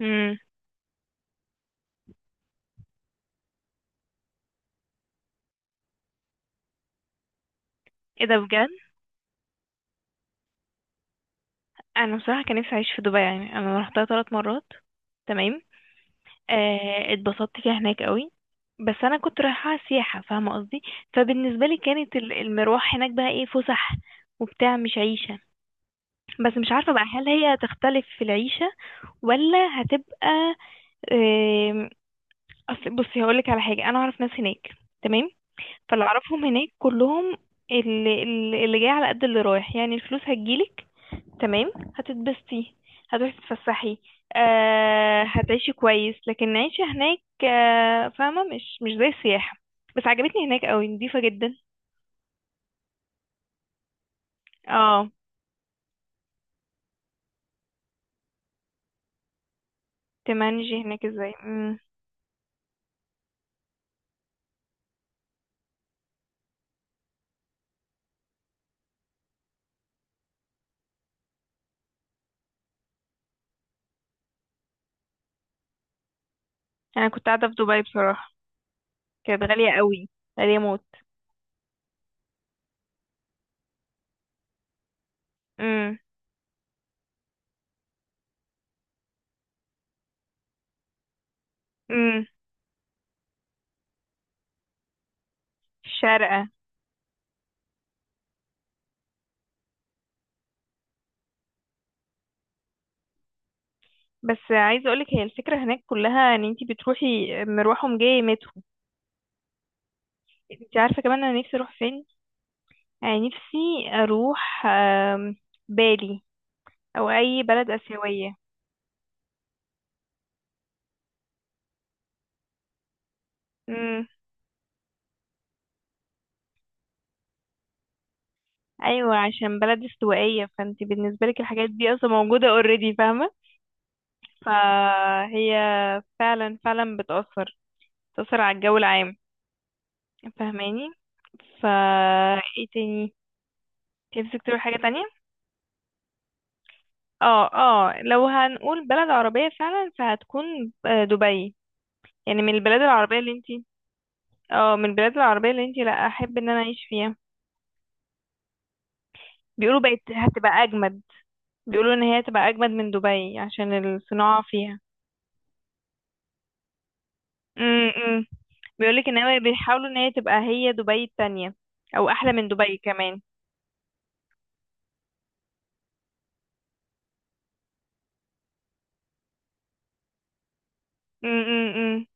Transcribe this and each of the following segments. امم ايه ده بجد؟ انا بصراحه كان نفسي اعيش في دبي، يعني انا رحتها 3 مرات. تمام. آه، اتبسطت فيها هناك قوي، بس انا كنت رايحه سياحه، فاهمه قصدي. فبالنسبه لي كانت المروح هناك بقى ايه، فسح وبتاع، مش عيشه. بس مش عارفه بقى هل هي هتختلف في العيشه ولا هتبقى، آه. أصل بصي هقولك على حاجه، انا اعرف ناس هناك. تمام. فاللي اعرفهم هناك كلهم اللي جاي على قد اللي رايح، يعني الفلوس هتجيلك. تمام، هتتبسطي، هتروحي تتفسحي، آه هتعيشي كويس، لكن العيشة هناك آه فاهمة مش زي السياحة. بس عجبتني هناك قوي، نضيفة جدا. اه. تمانجي هناك ازاي، انا كنت قاعدة في دبي بصراحة، كانت غالية قوي، غالية موت. امم. امم. شارقة. بس عايزة اقولك هي الفكرة هناك كلها ان انتي بتروحي مروح ومجاية مترو. انتي عارفة كمان انا نفسي اروح فين؟ يعني نفسي اروح بالي، او اي بلد اسيوية. امم. ايوه، عشان بلد استوائيه، فانت بالنسبه لك الحاجات دي اصلا موجوده اوريدي، فاهمه. فهي فعلا فعلا بتاثر، على الجو العام، فاهماني. فا ايه تاني؟ انت نفسك تروح حاجه تانية؟ اه اه، لو هنقول بلد عربيه فعلا فهتكون دبي. يعني من البلاد العربيه اللي انت، اه، من البلاد العربيه اللي انت لا احب ان انا اعيش فيها. بيقولوا بقت هتبقى اجمد. بيقولوا ان هي هتبقى اجمد من دبي عشان الصناعه فيها. امم. بيقولك ان هي بيحاولوا ان هي تبقى هي دبي التانية، او احلى من دبي كمان. م -م -م.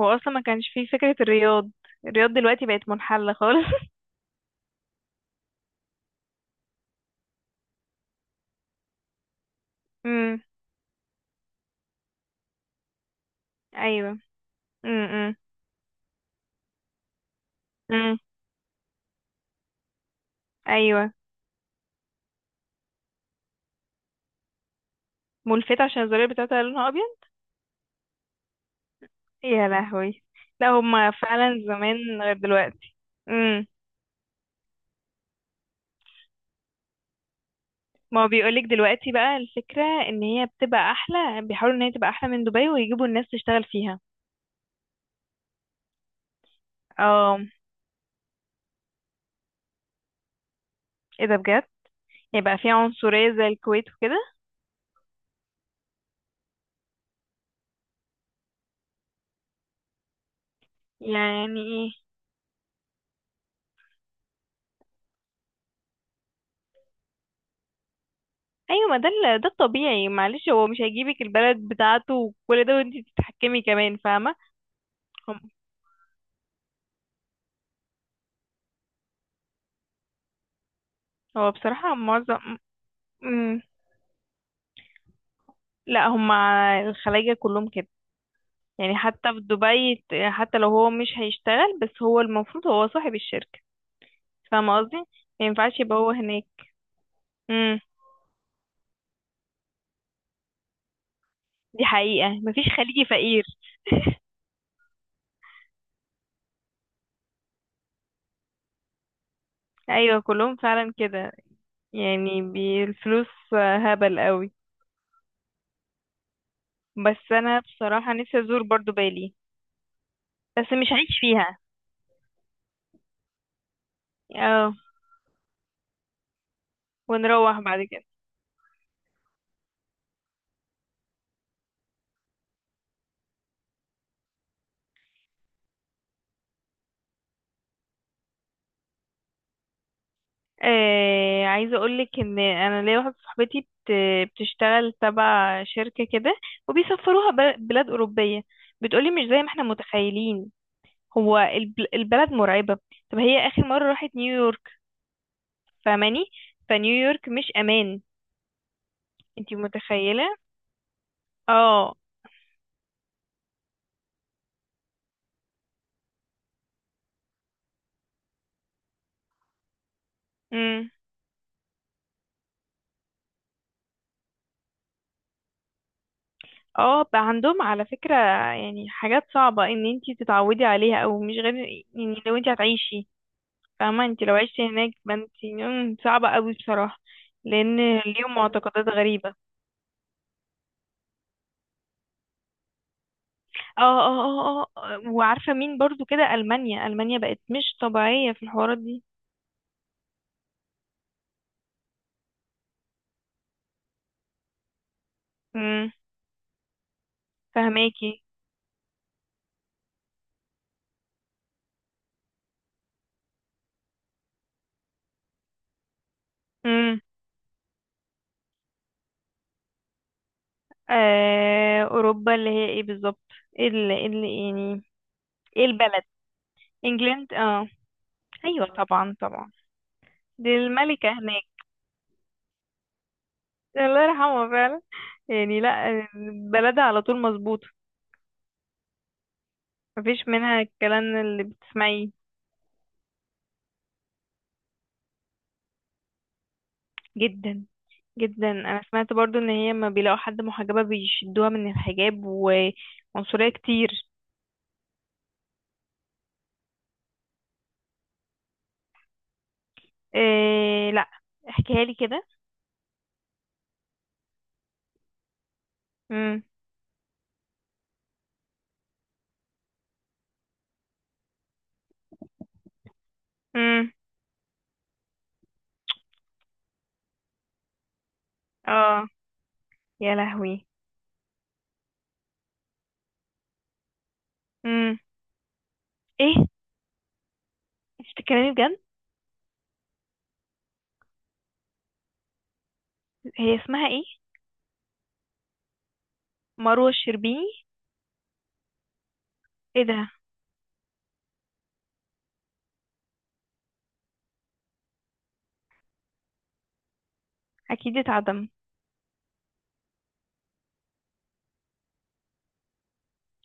هو اصلا ما كانش فيه فكرة الرياض. الرياض دلوقتي بقت منحلة خالص. امم. ايوه. امم. امم. ايوه، ملفتة عشان الزرار بتاعتها لونها ابيض. يا لهوي، لا هما فعلا زمان غير دلوقتي. امم. ما هو بيقولك دلوقتي بقى الفكرة ان هي بتبقى احلى، بيحاولوا ان هي تبقى احلى من دبي ويجيبوا الناس تشتغل فيها. اه. ايه ده بجد؟ يبقى فيها عنصرية زي الكويت وكده؟ يعني ايه؟ ايوه، ما ده ده الطبيعي، معلش، هو مش هيجيبك البلد بتاعته وكل ده وانتي تتحكمي كمان، فاهمه. هم. هو بصراحه معظم، مم. لا، هم الخلايجه كلهم كده. يعني حتى في دبي حتى لو هو مش هيشتغل، بس هو المفروض هو صاحب الشركه، فاهمه قصدي، ما ينفعش يبقى هو هناك. امم. دي حقيقه، مفيش خليجي فقير. ايوه كلهم فعلا كده، يعني الفلوس هبل قوي. بس انا بصراحه نفسي ازور برضو بالي، بس مش هعيش فيها، اه، ونروح بعد كده. آه، عايزه اقولك ان انا ليا واحده صاحبتي بتشتغل تبع شركه كده، وبيسفروها بلاد اوروبيه. بتقولي مش زي ما احنا متخيلين، هو البلد مرعبه. طب هي اخر مره راحت نيويورك، فاهماني، فنيويورك مش امان. انتي متخيله؟ اه. امم. اه، بقى عندهم على فكره يعني حاجات صعبه ان انتي تتعودي عليها او مش غير، يعني لو انتي هتعيشي، فاهمة، انت لو عشتي هناك، ما انت صعبة قوي بصراحة، لان ليهم معتقدات غريبة. اه اه اه اه، وعارفة مين برضو كده، ألمانيا ألمانيا بقت مش طبيعية في الحوارات دي. امم. فهماكي. امم. آه، أوروبا اللي هي ايه بالظبط؟ يعني ايه البلد؟ انجلند، اه. ايوه طبعا طبعا. دي الملكة هناك. الله يرحمها فعلا. يعني لا، بلدها على طول مظبوطة، مفيش منها الكلام اللي بتسمعيه. جدا. جدا. انا سمعت برضو ان هي لما بيلاقوا حد محجبة بيشدوها من الحجاب، وعنصرية كتير. إيه؟ لا، احكيها لي كده. امم. امم. اه. يا لهوي. امم. ايه؟ انت بتتكلمي بجد؟ هي اسمها ايه؟ مروة الشربيني. ايه ده؟ اكيد اتعدم.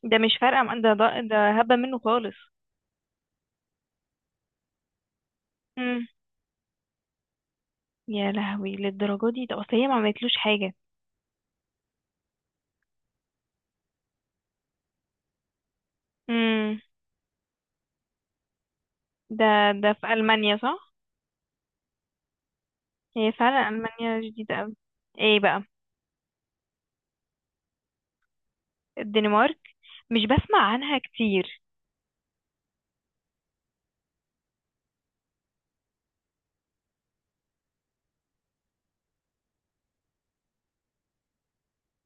ده مش فارقة ده هبة منه خالص. امم. يا لهوي، للدرجة دي؟ ده اصل هي ما عملتلوش حاجة. امم. ده ده في ألمانيا صح؟ هي فعلا ألمانيا جديدة أوي. ايه بقى؟ الدنمارك، مش بسمع عنها كتير.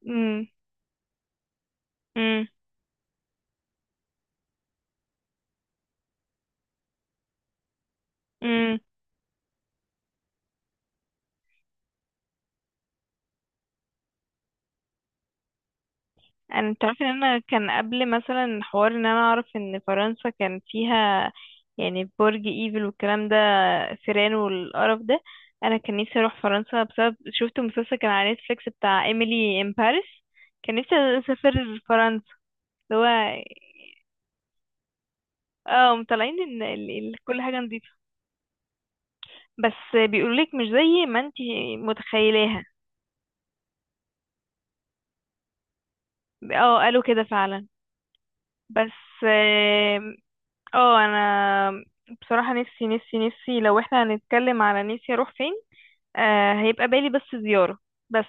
امم. امم. امم. انا تعرفي ان انا كان قبل مثلا حوار ان انا اعرف ان فرنسا كان فيها يعني برج ايفل والكلام ده، فيران والقرف ده. انا كان نفسي اروح فرنسا بسبب شفت مسلسل كان على نتفليكس بتاع ايميلي ان باريس. كان نفسي اسافر فرنسا اللي هو، اه، مطلعين ان كل حاجه نضيفه، بس بيقولولك مش زي ما انتي متخيلاها. اه قالوا كده فعلا. بس، اه، انا بصراحة نفسي نفسي نفسي لو احنا هنتكلم على نفسي اروح فين، آه هيبقى بالي بس زيارة. بس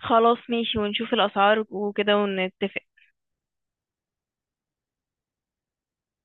خلاص ماشي، ونشوف الاسعار وكده ونتفق.